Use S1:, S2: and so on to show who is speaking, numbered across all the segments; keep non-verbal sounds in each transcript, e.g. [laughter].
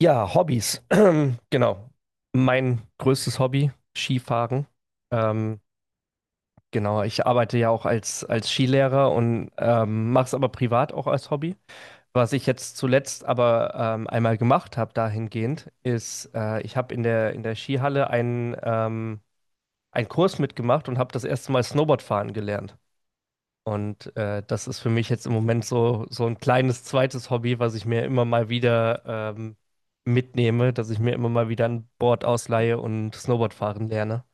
S1: Ja, Hobbys. [clears throat] Genau. Mein größtes Hobby, Skifahren. Ähm, genau, ich arbeite ja auch als Skilehrer und mache es aber privat auch als Hobby. Was ich jetzt zuletzt aber einmal gemacht habe dahingehend, ist, ich habe in der Skihalle einen Kurs mitgemacht und habe das erste Mal Snowboardfahren gelernt. Und das ist für mich jetzt im Moment so ein kleines zweites Hobby, was ich mir immer mal wieder mitnehme, dass ich mir immer mal wieder ein Board ausleihe und Snowboard fahren lerne.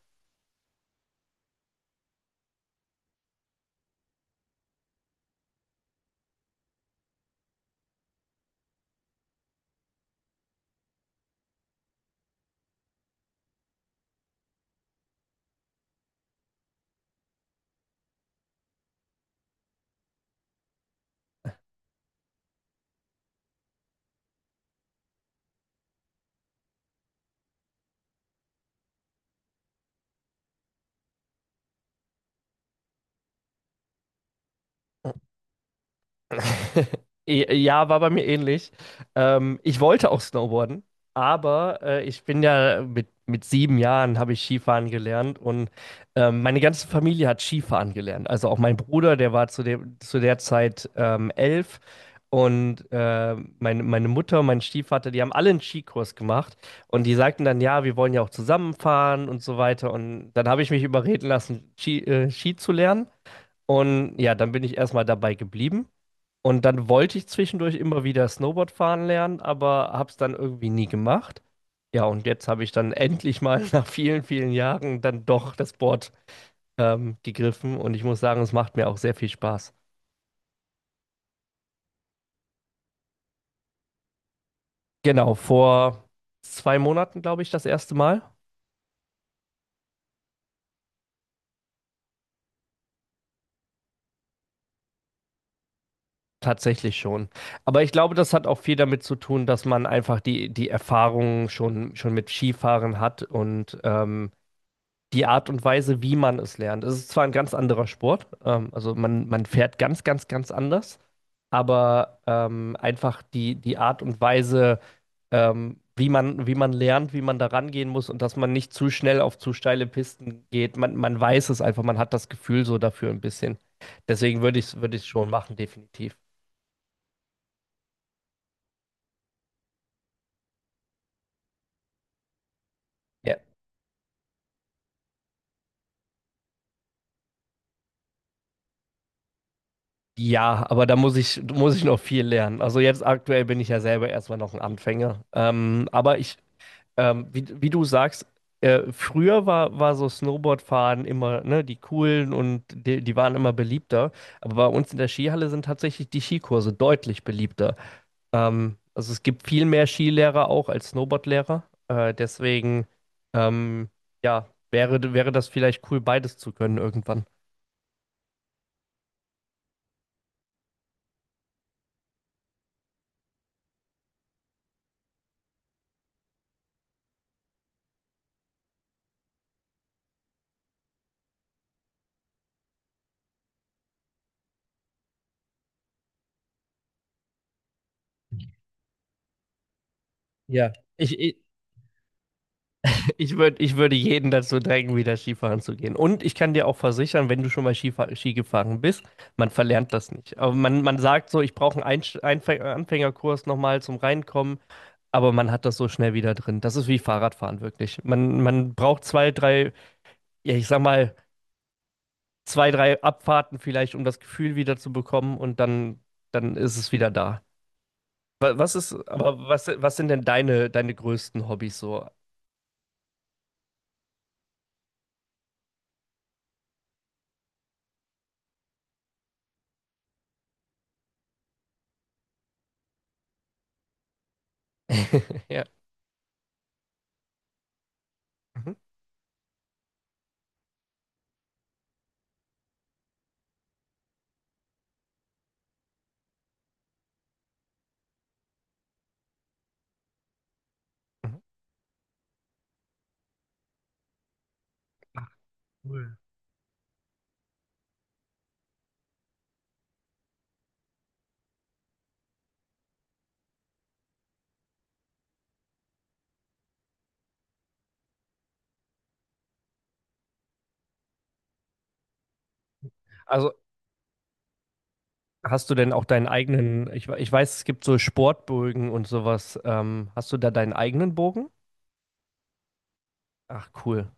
S1: [laughs] Ja, war bei mir ähnlich. Ich wollte auch Snowboarden, aber ich bin ja mit 7 Jahren habe ich Skifahren gelernt und meine ganze Familie hat Skifahren gelernt. Also auch mein Bruder, der war zu der Zeit 11 und meine Mutter und mein Stiefvater, die haben alle einen Skikurs gemacht und die sagten dann, ja, wir wollen ja auch zusammenfahren und so weiter. Und dann habe ich mich überreden lassen, Ski zu lernen und ja, dann bin ich erstmal dabei geblieben. Und dann wollte ich zwischendurch immer wieder Snowboard fahren lernen, aber habe es dann irgendwie nie gemacht. Ja, und jetzt habe ich dann endlich mal [laughs] nach vielen, vielen Jahren dann doch das Board gegriffen und ich muss sagen, es macht mir auch sehr viel Spaß. Genau, vor 2 Monaten, glaube ich, das erste Mal. Tatsächlich schon. Aber ich glaube, das hat auch viel damit zu tun, dass man einfach die Erfahrung schon mit Skifahren hat und die Art und Weise, wie man es lernt. Es ist zwar ein ganz anderer Sport, also man fährt ganz, ganz, ganz anders, aber einfach die Art und Weise, wie man lernt, wie man da rangehen muss und dass man nicht zu schnell auf zu steile Pisten geht. Man weiß es einfach, man hat das Gefühl so dafür ein bisschen. Deswegen würde ich schon machen, definitiv. Ja. Ja, aber da muss ich noch viel lernen. Also jetzt aktuell bin ich ja selber erstmal noch ein Anfänger. Wie du sagst, früher war so Snowboardfahren immer, ne, die coolen und die waren immer beliebter. Aber bei uns in der Skihalle sind tatsächlich die Skikurse deutlich beliebter. Also es gibt viel mehr Skilehrer auch als Snowboardlehrer. Deswegen, ähm, ja, wäre das vielleicht cool, beides zu können irgendwann. Ja, ich, ich, ich würde jeden dazu drängen, wieder Skifahren zu gehen. Und ich kann dir auch versichern, wenn du schon mal Ski gefahren bist, man verlernt das nicht. Aber man sagt so, ich brauche einen Anfängerkurs nochmal zum Reinkommen, aber man hat das so schnell wieder drin. Das ist wie Fahrradfahren wirklich. Man braucht ja, ich sag mal, zwei, drei Abfahrten vielleicht, um das Gefühl wieder zu bekommen und dann ist es wieder da. Wa- Was ist, aber was, was sind denn deine größten Hobbys so? [laughs] Ja. Mhm. Mhm. Ach, cool. Also, hast du denn auch deinen eigenen, ich weiß, es gibt so Sportbögen und sowas. Hast du da deinen eigenen Bogen? Ach, cool.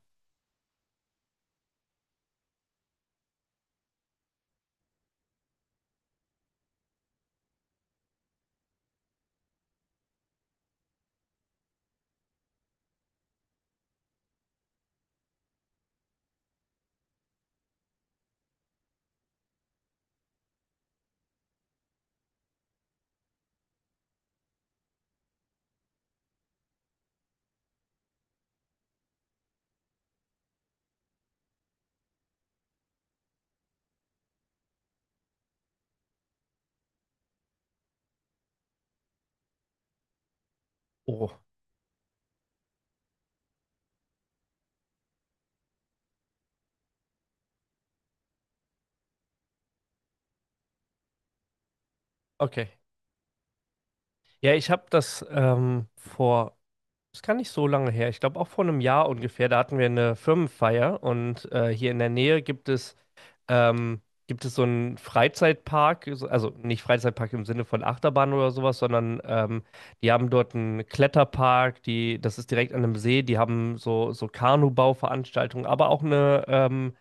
S1: Oh, okay. Ja, ich habe das das kann nicht so lange her, ich glaube auch vor einem Jahr ungefähr, da hatten wir eine Firmenfeier und hier in der Nähe gibt es ähm, so einen Freizeitpark, also nicht Freizeitpark im Sinne von Achterbahn oder sowas, sondern die haben dort einen Kletterpark, das ist direkt an einem See, die haben so Kanubau-Veranstaltungen, aber auch eine ähm,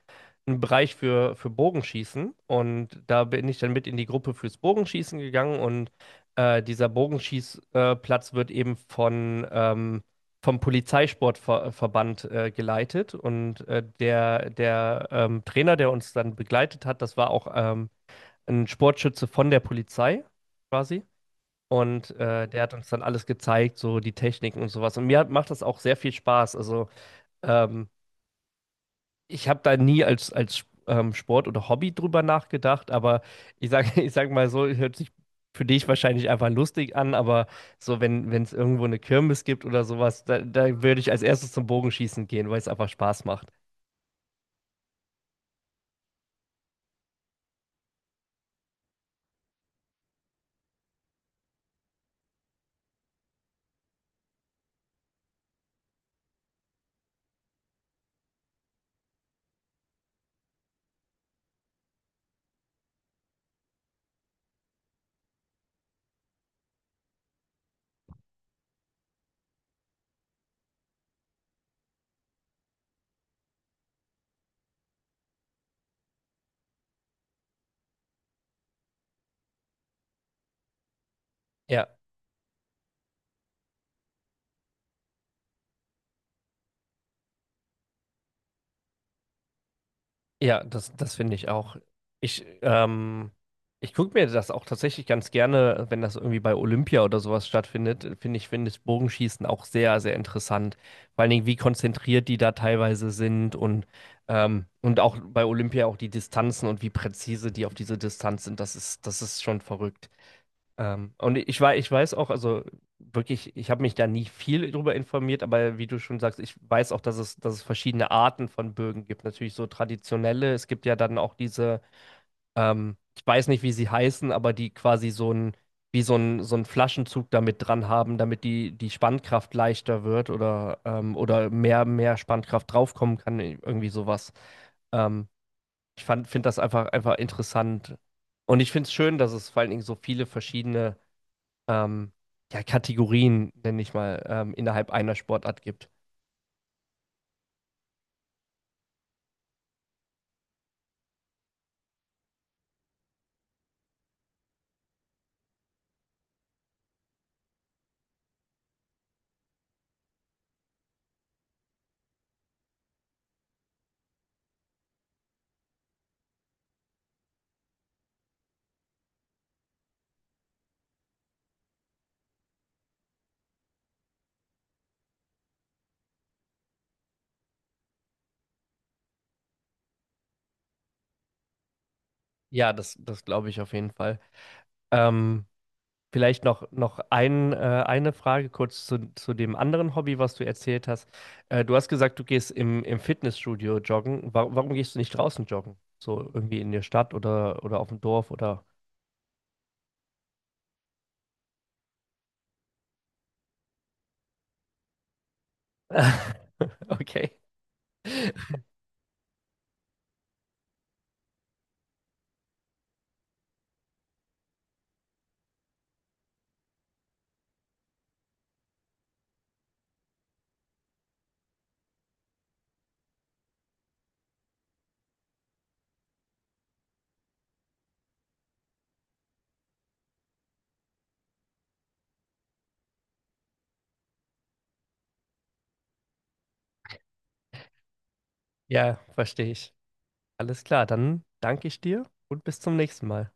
S1: einen Bereich für Bogenschießen und da bin ich dann mit in die Gruppe fürs Bogenschießen gegangen und dieser Bogenschießplatz Platz wird eben vom Polizeisportverband geleitet und der Trainer, der uns dann begleitet hat, das war auch ein Sportschütze von der Polizei quasi. Und der hat uns dann alles gezeigt, so die Techniken und sowas. Und mir macht das auch sehr viel Spaß. Also ähm, ich habe da nie als Sport oder Hobby drüber nachgedacht, aber ich sage [laughs] ich sag mal so, hört sich für dich wahrscheinlich einfach lustig an, aber so, wenn es irgendwo eine Kirmes gibt oder sowas, da würde ich als erstes zum Bogenschießen gehen, weil es einfach Spaß macht. Ja. Ja, das finde ich auch. Ich, ähm, ich gucke mir das auch tatsächlich ganz gerne, wenn das irgendwie bei Olympia oder sowas stattfindet, finde ich Bogenschießen auch sehr, sehr interessant. Vor allen Dingen, wie konzentriert die da teilweise sind und, und auch bei Olympia auch die Distanzen und wie präzise die auf diese Distanz sind, das ist schon verrückt. Und ich weiß auch, also wirklich, ich habe mich da nie viel drüber informiert, aber wie du schon sagst, ich weiß auch, dass es verschiedene Arten von Bögen gibt. Natürlich so traditionelle, es gibt ja dann auch diese, ich weiß nicht, wie sie heißen, aber die quasi so ein, wie so ein Flaschenzug damit dran haben, damit die Spannkraft leichter wird oder, oder mehr Spannkraft draufkommen kann, irgendwie sowas. Ähm, Ich finde das einfach, einfach interessant. Und ich finde es schön, dass es vor allen Dingen so viele verschiedene ähm, ja, Kategorien, nenne ich mal, innerhalb einer Sportart gibt. Ja, das glaube ich auf jeden Fall. Ähm, Vielleicht noch eine Frage kurz zu dem anderen Hobby, was du erzählt hast. Du hast gesagt, du gehst im Fitnessstudio joggen. Wa warum gehst du nicht draußen joggen? So irgendwie in der Stadt oder auf dem Dorf oder. [laughs] Okay. Ja, verstehe ich. Alles klar, dann danke ich dir und bis zum nächsten Mal.